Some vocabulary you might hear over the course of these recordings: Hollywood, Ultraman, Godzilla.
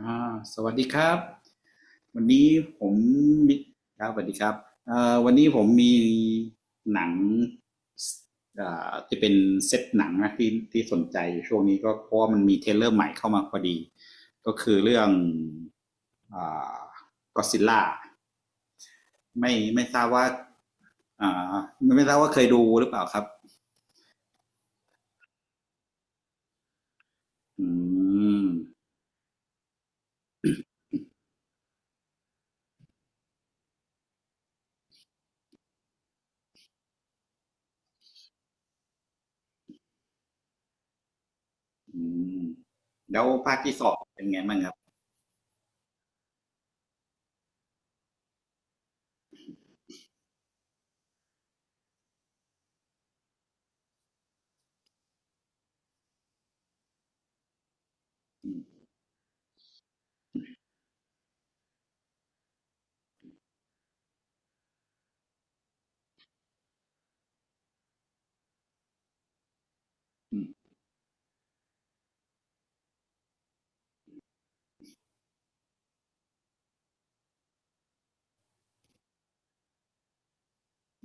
สวัสดีครับวันนี้ผมมีครับสวัสดีครับวันนี้ผมมีหนังที่เป็นเซตหนังนะที่สนใจอยู่ช่วงนี้ก็เพราะว่ามันมีเทรลเลอร์ใหม่เข้ามาพอดีก็คือเรื่องอ่าก็ซิลล่าไม่ทราบว่าอ่าไม่ทราบว่าเคยดูหรือเปล่าครับอืมอืมแล้วภาคที่สองเป็นไงบ้างครับ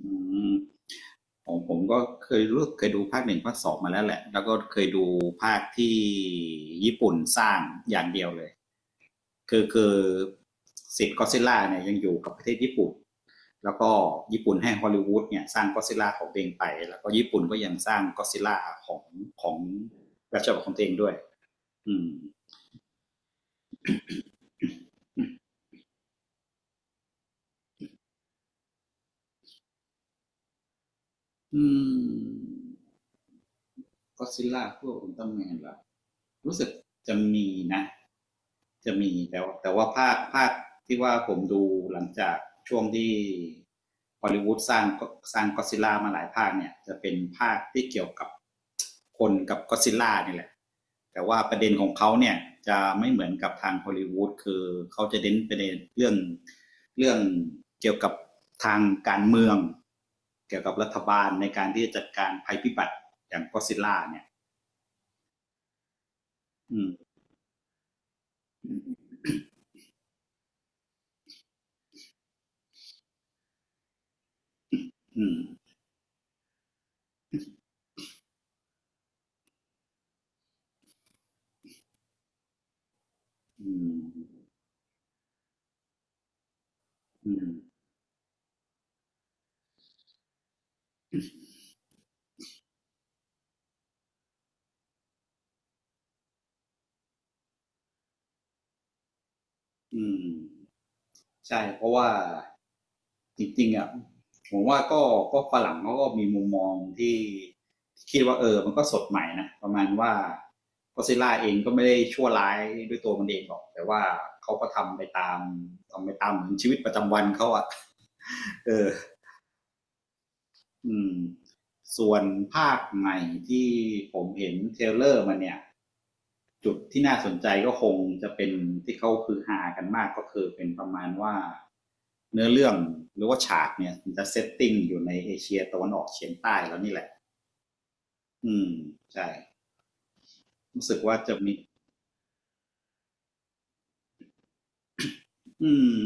อืม ผมก็เคยรู้เคยดูภาคหนึ่งภาคสองมาแล้วแหละแล้วก็เคยดูภาคที่ญี่ปุ่นสร้างอย่างเดียวเลยคือสิทธิ์ก็อดซิลล่าเนี่ยยังอยู่กับประเทศญี่ปุ่นแล้วก็ญี่ปุ่นให้ฮอลลีวูดเนี่ยสร้างก็อดซิลล่าของตัวเองไปแล้วก็ญี่ปุ่นก็ยังสร้างก็อดซิลล่าของของรัชบัลของตัวเองด้วยอืมอืมก็อดซิลล่าพวกอุลตร้าแมนล่ะรู้สึกจะมีนะ จะมีแต่ว่าภาคที่ว่าผมดูหลังจากช่วงที่ฮอลลีวูดสร้างก็อดซิลล่ามาหลายภาคเนี่ยจะเป็นภาคที่เกี่ยวกับคนกับก็อดซิลล่านี่แหละแต่ว่าประเด็นของเขาเนี่ยจะไม่เหมือนกับทางฮอลลีวูดคือเขาจะเน้นประเด็นเรื่องเกี่ยวกับทางการเมืองเกี่ยวกับรัฐบาลในการที่จะจัดการภัยพิบัติอย่างก็อดซิลล่าเนี่ยอืมอืมอืมอืมอืม ใช่เพราะว่าจริงๆอ่ะผมว่าก็ฝรั่งเขาก็มีมุมมองที่คิดว่าเออมันก็สดใหม่นะประมาณว่าก็ซิล่าเองก็ไม่ได้ชั่วร้ายด้วยตัวมันเองหรอกแต่ว่าเขาก็ทำไปตามเหมือนชีวิตประจำวันเขาอ่ะ เอออืมส่วนภาคใหม่ที่ผมเห็นเทรลเลอร์มันเนี่ยจุดที่น่าสนใจก็คงจะเป็นที่เขาคือหากันมากก็คือเป็นประมาณว่า เนื้อเรื่องหรือว่าฉากเนี่ยมันจะเซตติ้งอยู่ในเอเชียตะวันออกเฉียงใต้แล้วนี่แหละอืมใช่รู้สึกว่าจะมีอืม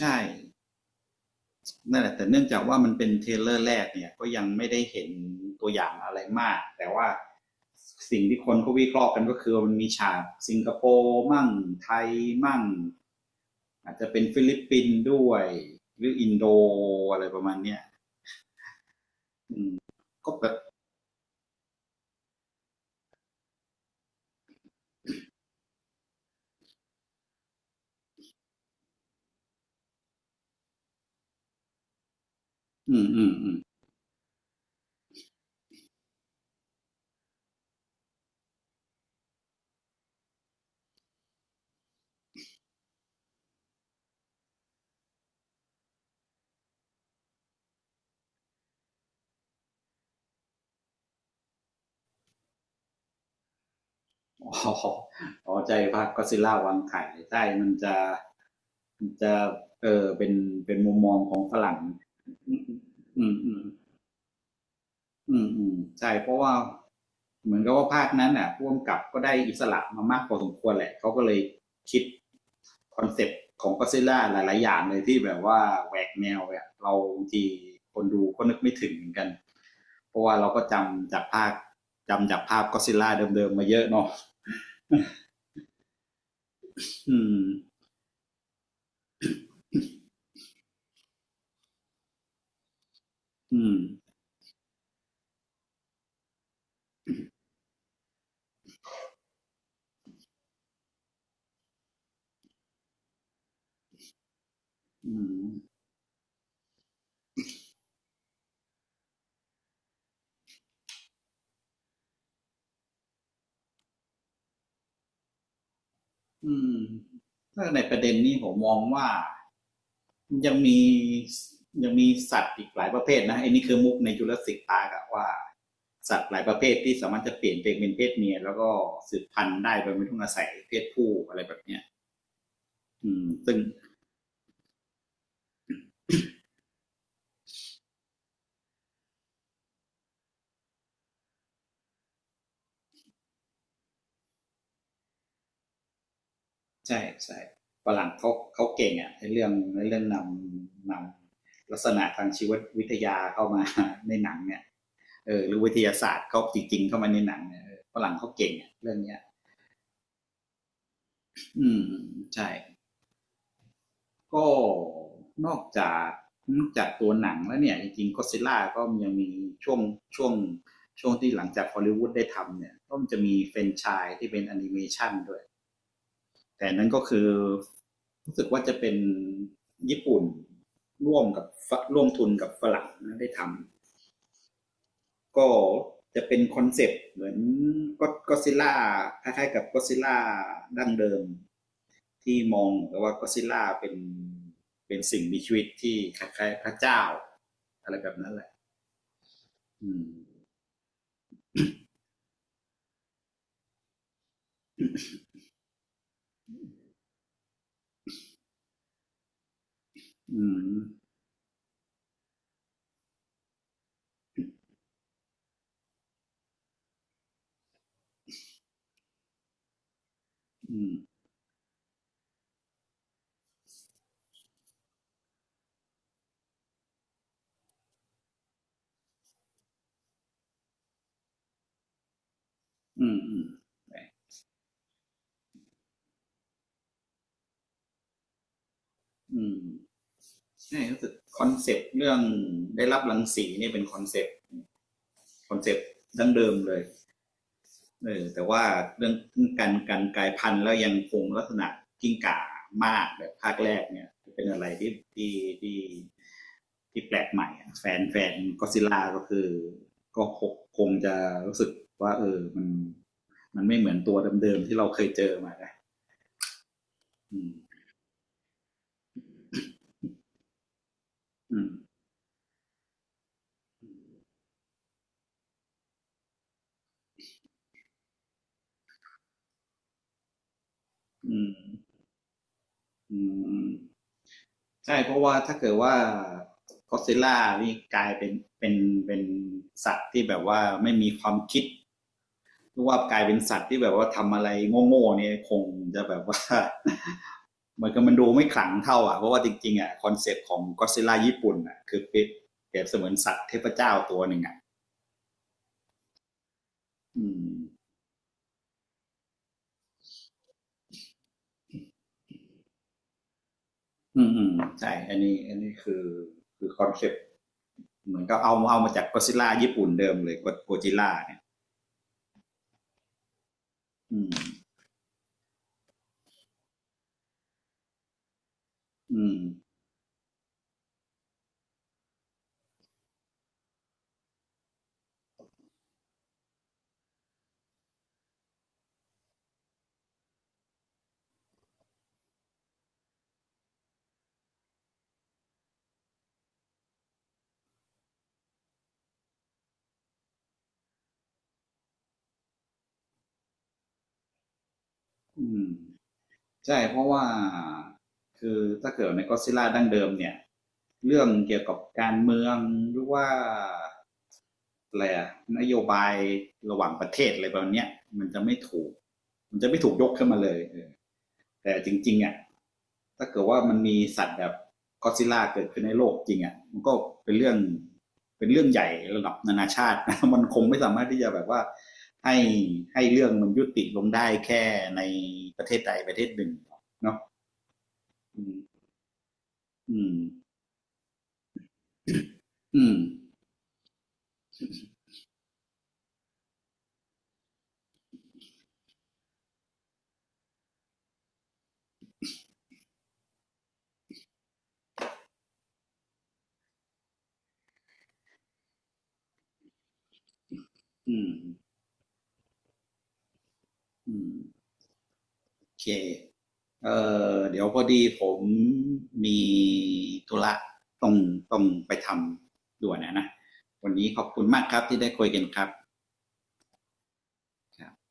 ใช่นั่นแหละแต่เนื่องจากว่ามันเป็นเทรลเลอร์แรกเนี่ยก็ยังไม่ได้เห็นตัวอย่างอะไรมากแต่ว่าสิ่งที่คนเขาวิเคราะห์กันก็คือมันมีฉากสิงคโปร์มั่งไทยมั่งอาจจะเป็นฟิลิปปินส์ด้วยหรืออินโดอะไรประมาณเนี้ยก็แบบอืมอืมอืม อ๋อใจภาคก็อดซิลล่าวางไข่ใช่ มันจะมันจะเออเป็นมุมมองของฝรั่งอืมอืมอืมอืมอืมใช่ เพราะว่าเหมือนกับว่าภาคนั้นน่ะพ่วงกับก็ได้อิสระมามากพอสมควรแหละ เขาก็เลยคิดคอนเซปต์ของก็อดซิลล่าหลายๆ อย่างเลยที่แบบว่าแหวกแนวเนี่ยเราบางทีคนดูก็นึกไม่ถึงเหมือนกันเพราะว่าเราก็จำจากภาคจำจากภาพก็อดซิลล่าเดิมๆ มาเยอะเนาะอืมอืมอืม อืมถ้าในประเด็นนี้ผมมองว่ายังมียังมีสัตว์อีกหลายประเภทนะไอ้นี่คือมุกในจุลศิษย์ตากะว่าสัตว์หลายประเภทที่สามารถจะเปลี่ยนตัวเองเป็นเพศเมียแล้วก็สืบพันธุ์ได้โดยไม่ต้องอาศัยเพศผู้อะไรแบบเนี้ยอืมซึ่ง ใช่ใช่ฝรั่งเขาเก่งอะในเรื่องนำนำลักษณะทางชีววิทยาเข้ามาในหนังเนี่ยเออหรือวิทยาศาสตร์เขาจริงๆเข้ามาในหนังเนี่ยฝรั่งเขาเก่งอะเรื่องเนี้ยอืมใช่ ก็นอกจากนอกจากตัวหนังแล้วเนี่ยจริงๆก็ซิล่าก็ยังมีช่วงช่วงช่วงที่หลังจากฮอลลีวูดได้ทำเนี่ยก็มันจะมีเฟรนไชายที่เป็นแอนิเมชันด้วยแต่นั้นก็คือรู้สึกว่าจะเป็นญี่ปุ่นร่วมกับร่วมทุนกับฝรั่งนะได้ทำ ก็จะเป็นคอนเซปต์เหมือนก็ซิลล่าคล้ายๆกับก็อดซิลล่าดั้งเดิมที่มองกับว่าก็อดซิลล่าเป็นสิ่งมีชีวิตที่คล้ายๆพระเจ้าอะไรแบบนั้นแหละอืมอืมอืมอืมอืมอืมใช่รู้สึกคอนเซปต์เรื่องได้รับรังสีนี่เป็นคอนเซปต์ดั้งเดิมเลย เออแต่ว่าเรื่องการกลายพันธุ์แล้วยังคงลักษณะกิ้งก่ามากแบบภาคแรกเนี่ยเป็นอะไรที่ที่แปลกใหม่แฟนก็ซิลล่าก็คือก็คงจะรู้สึกว่าเออมันไม่เหมือนตัวเดิมๆที่เราเคยเจอมานะอืมอืมอืมอืมใช่เพราะว่าถ้าเกิดว่าก็ซิลล่านี่กลายเป็นเป็นเป็นสัตว์ที่แบบว่าไม่มีความคิด เพราะว่ากลายเป็นสัตว์ที่แบบว่าทำอะไรโง่ๆเนี่ยคงจะแบบว่า เหมือนกับมันดูไม่ขลังเท่าอ่ะเพราะว่าจริงๆอ่ะคอนเซปต์ของก็ d z ิลล่าญี่ปุ่นอ่ะคือเป็นแบเบเสมือนสัตว์เทพเจ้าตัวหนึ่งอ่ะอืมอืมอืมใช่อันนี้คือคือคอนเซปต์เหมือนก็เอามาจากก็ d z ิลล่าญี่ปุ่นเดิมเลยโกจิล่าเนี่ยอืมอืมอืมใช่เพราะว่าคือถ้าเกิดในก็ d z ิลล่าดั้งเดิมเนี่ยเรื่องเกี่ยวกับการเมืองหรือว่า อะไรอะนโยบายระหว่างประเทศอะไรแบบมเนี้ยมันจะไม่ถูกมันจะไม่ถูกยกขึ้นมาเลยแต่จริงๆอ่ะถ้าเกิดว่ามันมีสัตว์แบบก็อดซิลล่าเกิดขึ้นในโลกจริงอ่ะมันก็เป็นเรื่องเป็นเรื่องใหญ่ระดับนานาชาติ นะมันคงไม่สามารถที่จะแบบว่าให้ให้เรื่องมันยุติลงได้แค่ในประเทศใดประเทศหนึ่งเนาะอืมอืมอืมอืมโอเค เออเดี๋ยวพอดีผมมีธุระต้องต้องไปทำด่วนนะนะวันนี้ขอบคุณมากครับที่ได้คุยกันครับครับ